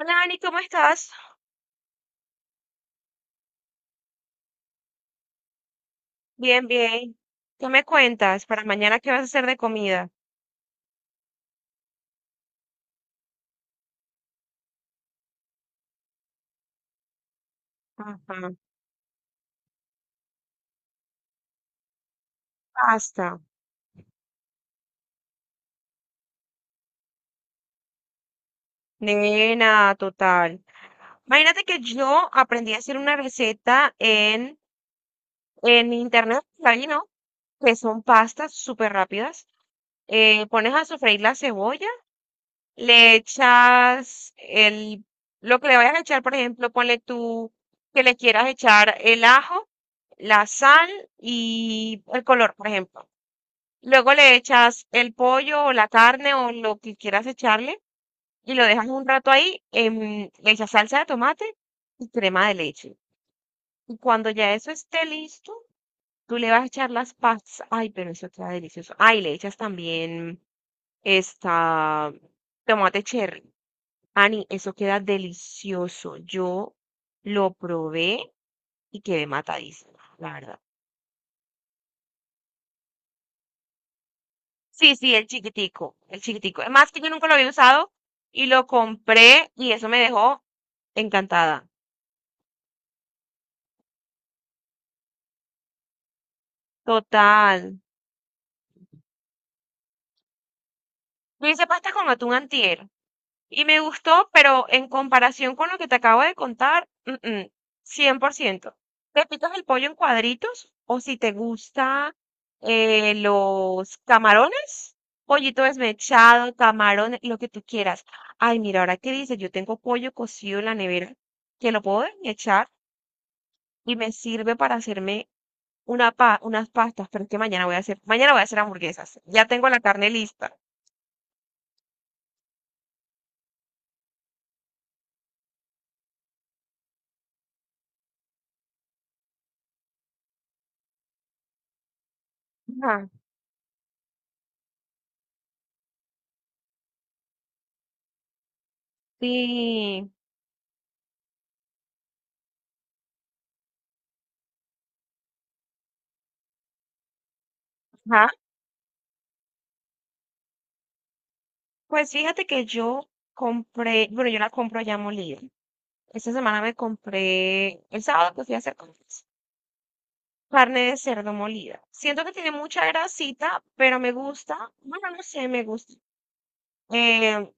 Hola, Ani, ¿cómo estás? Bien, bien. ¿Qué me cuentas? Para mañana, ¿qué vas a hacer de comida? Ajá. Pasta. Nena, total. Imagínate que yo aprendí a hacer una receta en internet, ahí, ¿no? Que son pastas súper rápidas. Pones a sofreír la cebolla, le echas lo que le vayas a echar, por ejemplo, ponle tú que le quieras echar el ajo, la sal y el color, por ejemplo. Luego le echas el pollo o la carne o lo que quieras echarle y lo dejas un rato ahí. Le echas salsa de tomate y crema de leche. Y cuando ya eso esté listo, tú le vas a echar las pastas. Ay, pero eso queda delicioso. Ay, le echas también esta tomate cherry. Ani, eso queda delicioso. Yo lo probé y quedé matadísima, la verdad. Sí, sí, el chiquitico, el chiquitico. Es más que yo nunca lo había usado y lo compré y eso me dejó encantada. Total. Yo hice pasta con atún antier y me gustó, pero en comparación con lo que te acabo de contar, 100%. Te picas el pollo en cuadritos o si te gusta los camarones, pollito desmechado, camarones, lo que tú quieras. Ay, mira, ahora qué dices, yo tengo pollo cocido en la nevera que lo puedo desmechar y me sirve para hacerme unas pastas, pero es que mañana voy a hacer hamburguesas. Ya tengo la carne lista. Ajá. Sí. Ajá. Pues fíjate que bueno, yo la compro ya molida. Esta semana me compré, el sábado que fui a hacer compras, carne de cerdo molida. Siento que tiene mucha grasita, pero me gusta. Bueno, no sé, me gusta. Eh,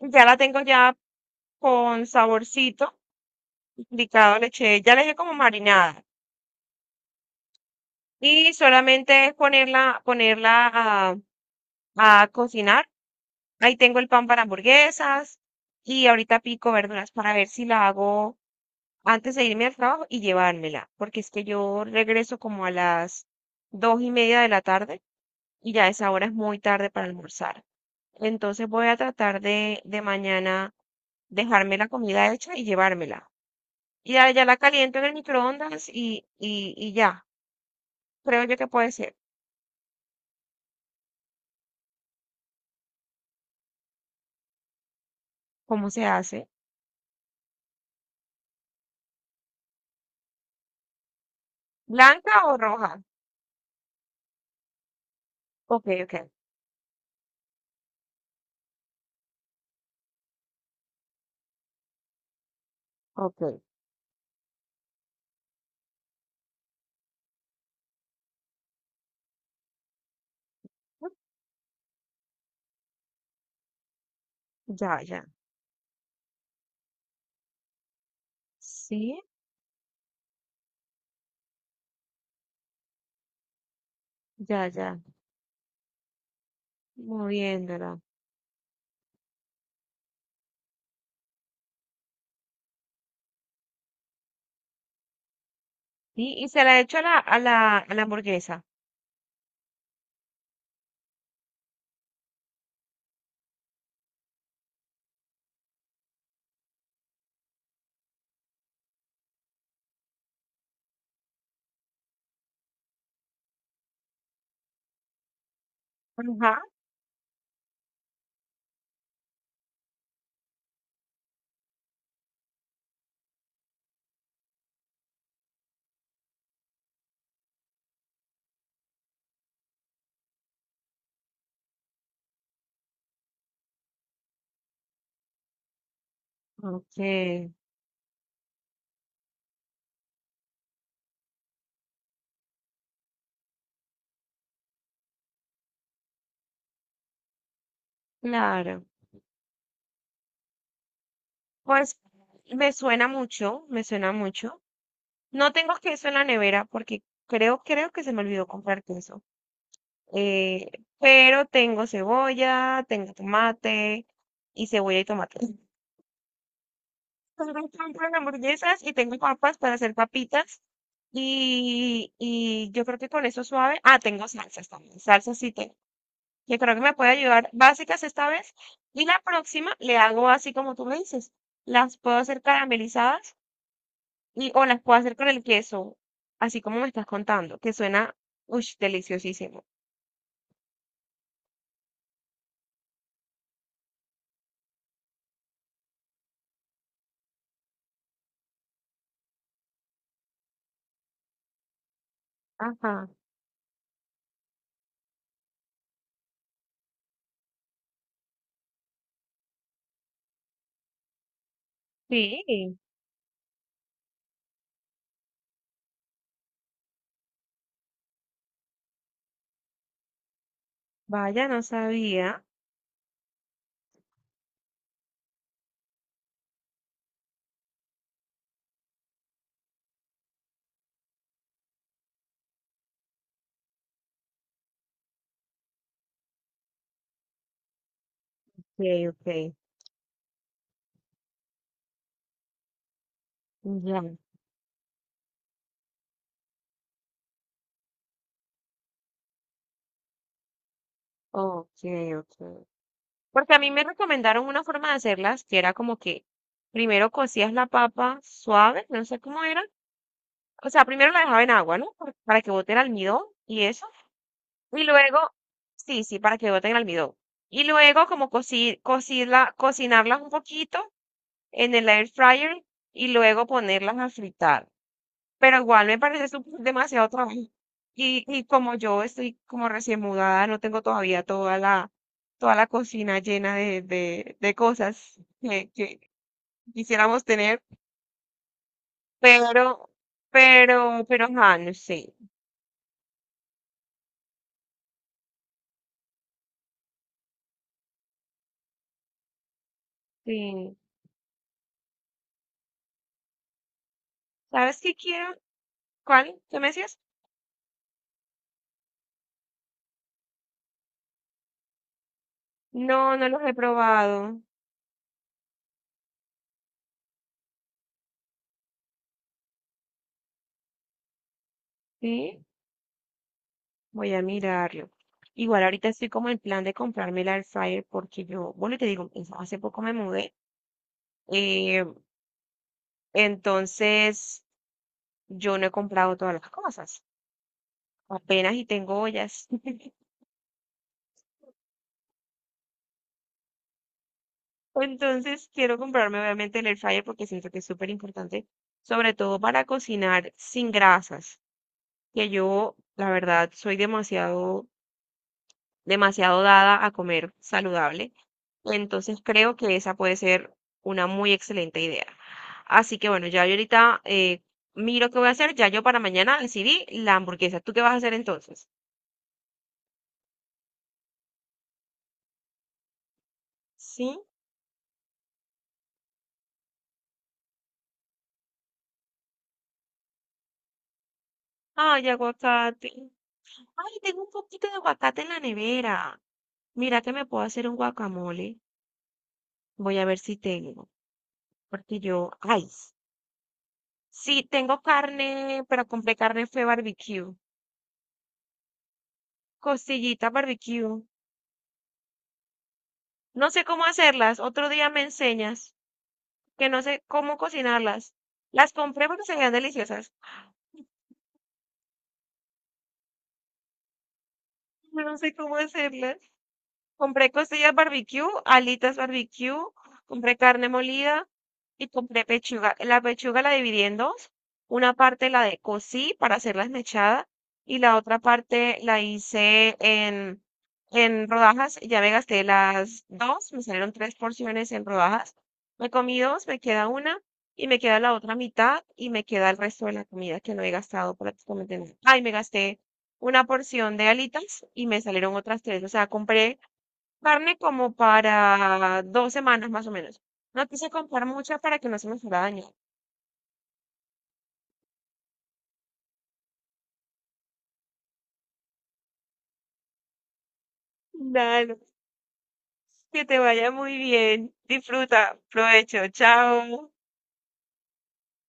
ya la tengo ya con saborcito picado, le eché, ya le dejé como marinada. Y solamente es ponerla a cocinar. Ahí tengo el pan para hamburguesas y ahorita pico verduras para ver si la hago antes de irme al trabajo y llevármela, porque es que yo regreso como a las 2:30 de la tarde y ya esa hora es muy tarde para almorzar. Entonces voy a tratar de mañana dejarme la comida hecha y llevármela. Y ya, ya la caliento en el microondas y ya. Creo yo que puede ser. ¿Cómo se hace? ¿Blanca o roja? Ok, ok, ok. Ya, ya. Sí, ya, ya. Moviéndola. Sí, y se la he hecho a la hamburguesa. Ajá. Ok, claro. Pues me suena mucho, me suena mucho. No tengo queso en la nevera porque creo que se me olvidó comprar queso. Eh, pero tengo cebolla, tengo tomate y cebolla y tomate. Me encantan las hamburguesas y tengo papas para hacer papitas. Y yo creo que con eso suave. Ah, tengo salsas también. Salsas sí tengo. Yo creo que me puede ayudar básicas esta vez. Y la próxima le hago así como tú me dices. Las puedo hacer caramelizadas o las puedo hacer con el queso, así como me estás contando, que suena, uy, deliciosísimo. Ajá. Sí. Vaya, no sabía. Ok, ok. Ya. Ok, ok. Porque a mí me recomendaron una forma de hacerlas que era como que primero cocías la papa suave, no sé cómo era. O sea, primero la dejaba en agua, ¿no? Para que bote el almidón y eso. Y luego, sí, sí, para que bote el almidón. Y luego como cocinarlas un poquito en el air fryer y luego ponerlas a fritar. Pero igual me parece demasiado trabajo. Y como yo estoy como recién mudada, no tengo todavía toda la cocina llena de cosas que quisiéramos tener, pero, ajá, no sé. Sí. ¿Sabes qué quiero? ¿Cuál? ¿Qué me decías? No, no los he probado. Sí, voy a mirarlo. Igual ahorita estoy como en plan de comprarme la air fryer porque yo, bueno, te digo, hace poco me mudé. Eh, entonces, yo no he comprado todas las cosas, apenas y tengo ollas. Entonces quiero comprarme obviamente el air fryer porque siento que es súper importante, sobre todo para cocinar sin grasas, que yo la verdad soy demasiado, demasiado dada a comer saludable. Entonces creo que esa puede ser una muy excelente idea. Así que bueno, ya yo ahorita miro qué voy a hacer. Ya yo para mañana decidí la hamburguesa. ¿Tú qué vas a hacer entonces? Sí. Ay, aguacate. Ay, tengo un poquito de aguacate en la nevera. Mira que me puedo hacer un guacamole. Voy a ver si tengo, porque yo, ay, sí, tengo carne, pero compré carne fue barbecue, costillitas barbecue. No sé cómo hacerlas, otro día me enseñas, que no sé cómo cocinarlas. Las compré porque se veían deliciosas, no sé cómo hacerlas. Compré costillas barbecue, alitas barbecue, compré carne molida y compré pechuga. La pechuga la dividí en dos. Una parte la de cocí para hacerla esmechada y la otra parte la hice en rodajas. Ya me gasté las dos, me salieron tres porciones en rodajas. Me comí dos, me queda una y me queda la otra mitad y me queda el resto de la comida que no he gastado prácticamente nada. Ay, me gasté una porción de alitas y me salieron otras tres. O sea, compré carne como para 2 semanas más o menos. No quise comprar mucha para que no se me fuera a dañar. Dale, que te vaya muy bien. Disfruta, provecho, chao.